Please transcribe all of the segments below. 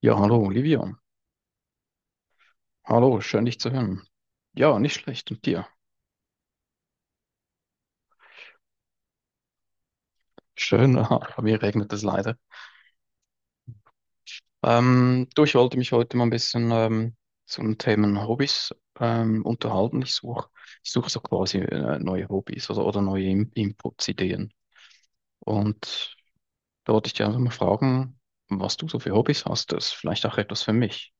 Ja, hallo Olivia. Hallo, schön dich zu hören. Ja, nicht schlecht. Und dir? Schön, aha, bei mir regnet es leider. Du, ich wollte mich heute mal ein bisschen zum Thema Hobbys unterhalten. Ich suche so quasi neue Hobbys oder neue In Inputs, Ideen. Und da wollte ich dich einfach mal fragen, was du so für Hobbys hast. Das ist vielleicht auch etwas für mich.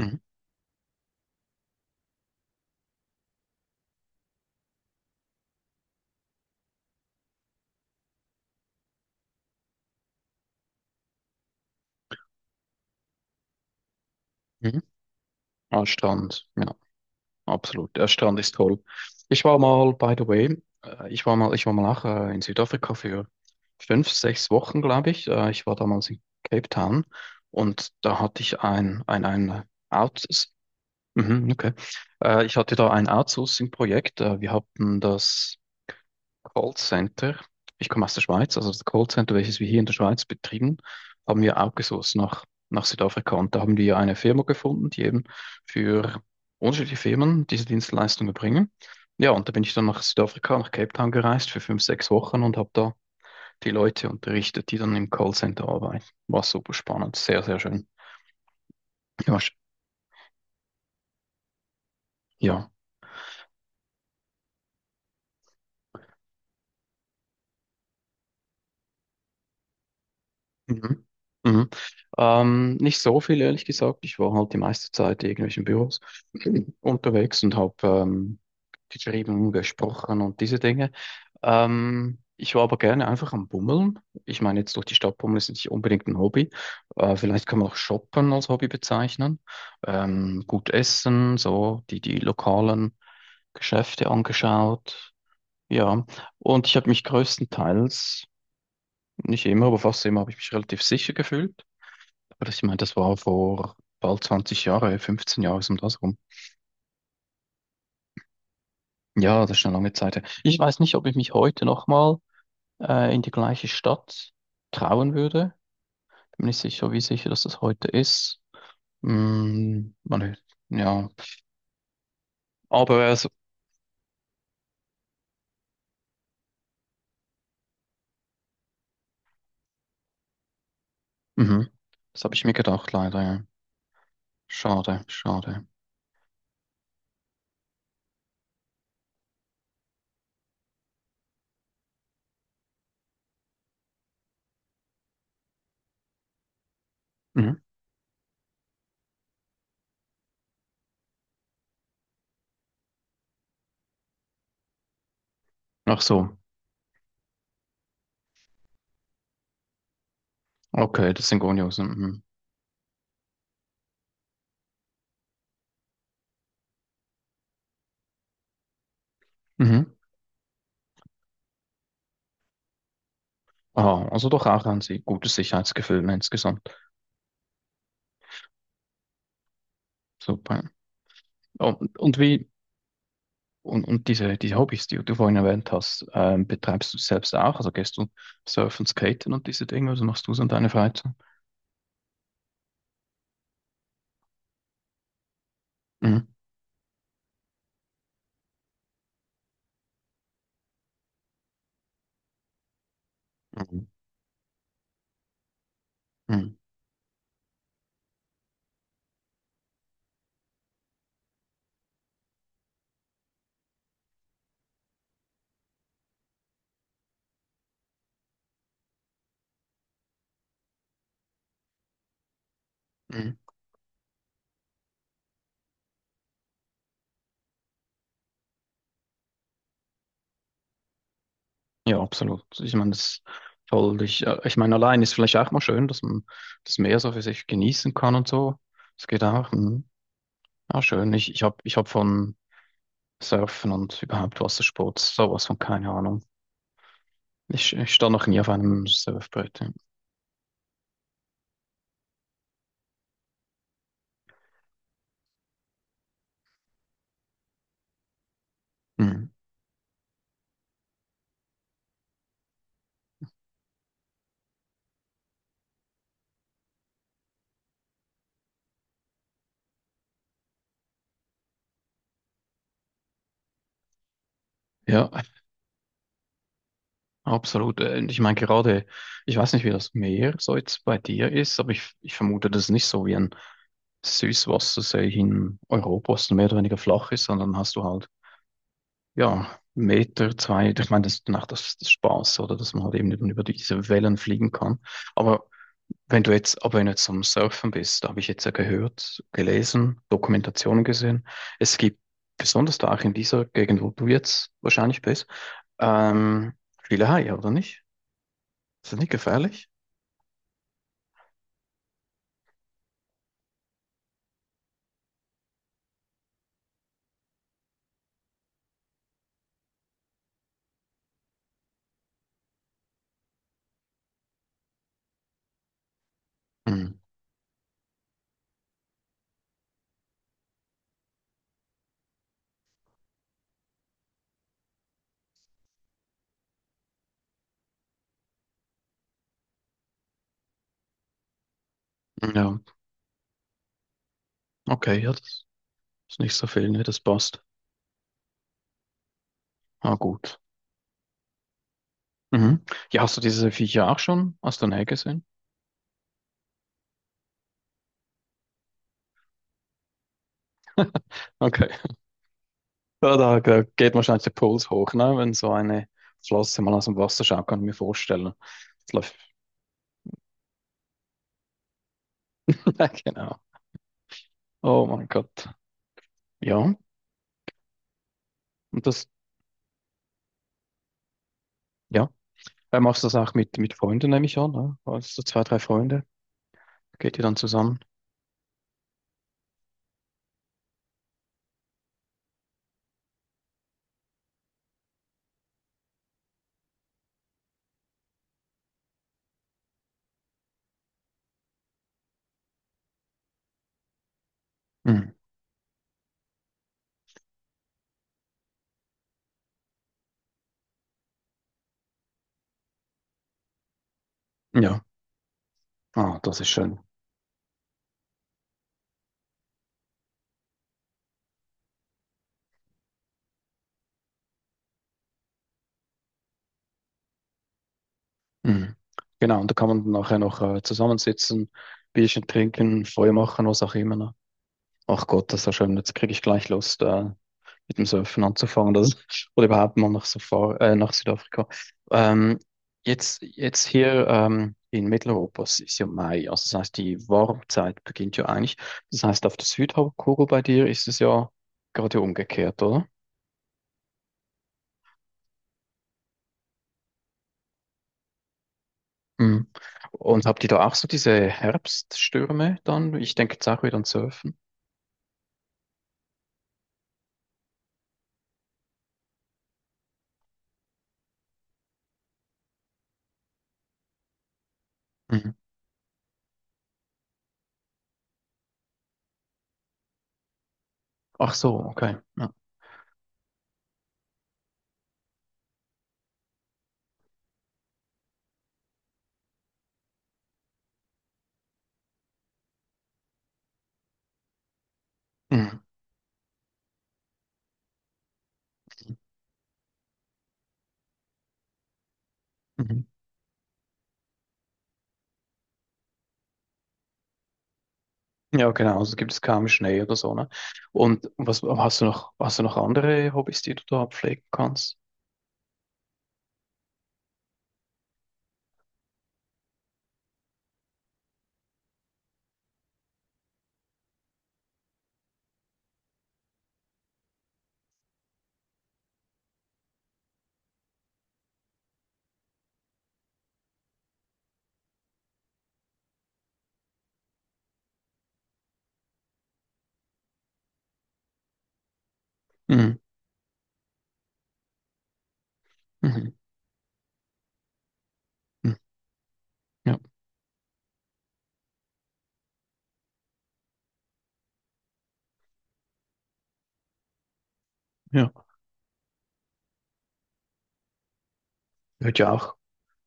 Mhm. Mhm. Ah, ja, absolut. Der Strand ist toll. Ich war mal, by the way, ich war mal auch in Südafrika für 5, 6 Wochen, glaube ich. Ich war damals in Cape Town und da hatte ich ein Outs Mhm, okay. Ich hatte da ein Outsourcing-Projekt. Wir hatten das Callcenter. Ich komme aus der Schweiz, also das Callcenter, welches wir hier in der Schweiz betrieben, haben wir outgesourced nach Südafrika. Und da haben wir eine Firma gefunden, die eben für unterschiedliche Firmen diese Dienstleistung erbringen. Ja, und da bin ich dann nach Südafrika, nach Cape Town gereist für 5, 6 Wochen und habe da die Leute unterrichtet, die dann im Callcenter arbeiten. War super spannend, sehr, sehr schön. Ja, ja. Mhm. Mhm. Nicht so viel, ehrlich gesagt. Ich war halt die meiste Zeit in irgendwelchen Büros unterwegs und habe geschrieben, gesprochen und diese Dinge. Ich war aber gerne einfach am Bummeln. Ich meine, jetzt durch die Stadt bummeln ist nicht unbedingt ein Hobby. Vielleicht kann man auch Shoppen als Hobby bezeichnen. Gut essen, so die lokalen Geschäfte angeschaut. Ja, und ich habe mich größtenteils, nicht immer, aber fast immer, habe ich mich relativ sicher gefühlt. Aber ich meine, das war vor bald 20 Jahre, 15 Jahre, so um das rum. Ja, das ist eine lange Zeit her. Ich weiß nicht, ob ich mich heute nochmal in die gleiche Stadt trauen würde. Bin nicht sicher, wie sicher, dass das heute ist. Mm, man, ja, aber also, mhm. Das habe ich mir gedacht, leider. Ja. Schade, schade. Mhm. Ach so, okay, das sind Gonios. Mhm. Mhm. Ah, also doch auch ein gutes Sicherheitsgefühl insgesamt. Super. Und, und wie, und diese, diese Hobbys, die du vorhin erwähnt hast, betreibst du selbst auch? Also gehst du surfen, skaten und diese Dinge? Also machst du es an deiner Freizeit? Mhm. Mhm. Mhm. Mhm. Ja, absolut. Ich meine, das ist toll. Ich, ich meine, allein ist vielleicht auch mal schön, dass man das Meer so für sich genießen kann und so. Das geht auch. Mhm. Ja, schön. Ich hab von Surfen und überhaupt Wassersport sowas von keine Ahnung. Ich stand noch nie auf einem Surfbrett. Ja. Mhm. Ja. Absolut. Und ich meine gerade, ich weiß nicht, wie das Meer so jetzt bei dir ist, aber ich vermute, das ist nicht so wie ein Süßwassersee in Europa, was mehr oder weniger flach ist, sondern hast du halt, ja, Meter, zwei, ich meine, das ist danach das Spaß, oder, dass man halt eben über diese Wellen fliegen kann. Aber wenn du jetzt, aber wenn du jetzt am Surfen bist, da habe ich jetzt ja gehört, gelesen, Dokumentationen gesehen, es gibt, besonders da auch in dieser Gegend, wo du jetzt wahrscheinlich bist, ähm, viele Haie, oder nicht? Ist das nicht gefährlich? Hm. Ja, okay, ja, das ist nicht so viel, ne, das passt. Ah, gut. Mhm. Ja, hast du diese Viecher auch schon aus der Nähe gesehen? Okay. Ja, da geht wahrscheinlich der Puls hoch, ne? Wenn so eine Flosse mal aus dem Wasser schaut, kann ich mir vorstellen. Das läuft. Ja, genau. Oh mein Gott. Ja, und das, ja. Machst du das auch mit Freunden, nehme ich an, ne? Also zwei, drei Freunde, geht ihr dann zusammen? Mhm. Ja, ah, das ist schön. Mhm. Genau, und da kann man dann nachher noch zusammensitzen, Bierchen trinken, Feuer machen, was auch immer, ne? Ach Gott, das ist ja schön. Jetzt kriege ich gleich Lust, mit dem Surfen anzufangen. Das, oder überhaupt mal nach, Safari, nach Südafrika. Ähm, jetzt hier in Mitteleuropa es ist ja Mai. Also das heißt, die Warmzeit beginnt ja eigentlich. Das heißt, auf der Südhalbkugel bei dir ist es ja gerade umgekehrt, oder? Mhm. Und habt ihr da auch so diese Herbststürme dann? Ich denke jetzt auch wieder an Surfen. Mhm. Ach so, okay. Ja. Mhm. Mhm. Ja, genau. Also gibt es kaum Schnee oder so, ne? Und was hast du noch andere Hobbys, die du da pflegen kannst? Mhm. Mhm. Mhm. Ja, ja. Gehört ja auch,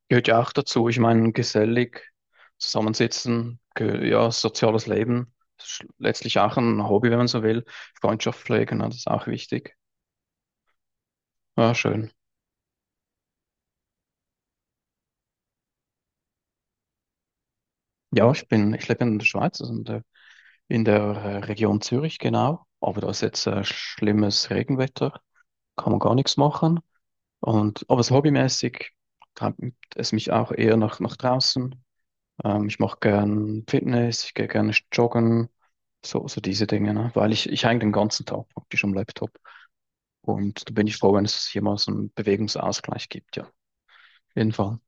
gehört ja auch dazu. Ich meine, gesellig zusammensitzen, ge ja, soziales Leben, letztlich auch ein Hobby, wenn man so will. Freundschaft pflegen, ne, das ist auch wichtig. Ja, schön. Ja, ich lebe in der Schweiz, also in der Region Zürich, genau. Aber da ist jetzt schlimmes Regenwetter, kann man gar nichts machen. Und aber so hobbymäßig treibt es mich auch eher nach draußen. Ich mache gern Fitness, ich gehe gerne joggen, so, so diese Dinge, ne? Weil ich hänge den ganzen Tag praktisch am Laptop. Und da bin ich froh, wenn es hier mal so einen Bewegungsausgleich gibt, ja. Auf jeden Fall.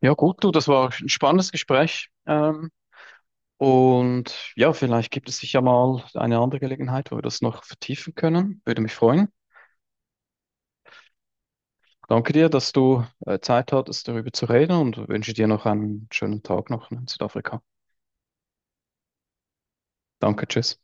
Ja, gut, du, das war ein spannendes Gespräch. Und ja, vielleicht gibt es sicher mal eine andere Gelegenheit, wo wir das noch vertiefen können. Würde mich freuen. Danke dir, dass du Zeit hattest, darüber zu reden und wünsche dir noch einen schönen Tag noch in Südafrika. Danke, tschüss.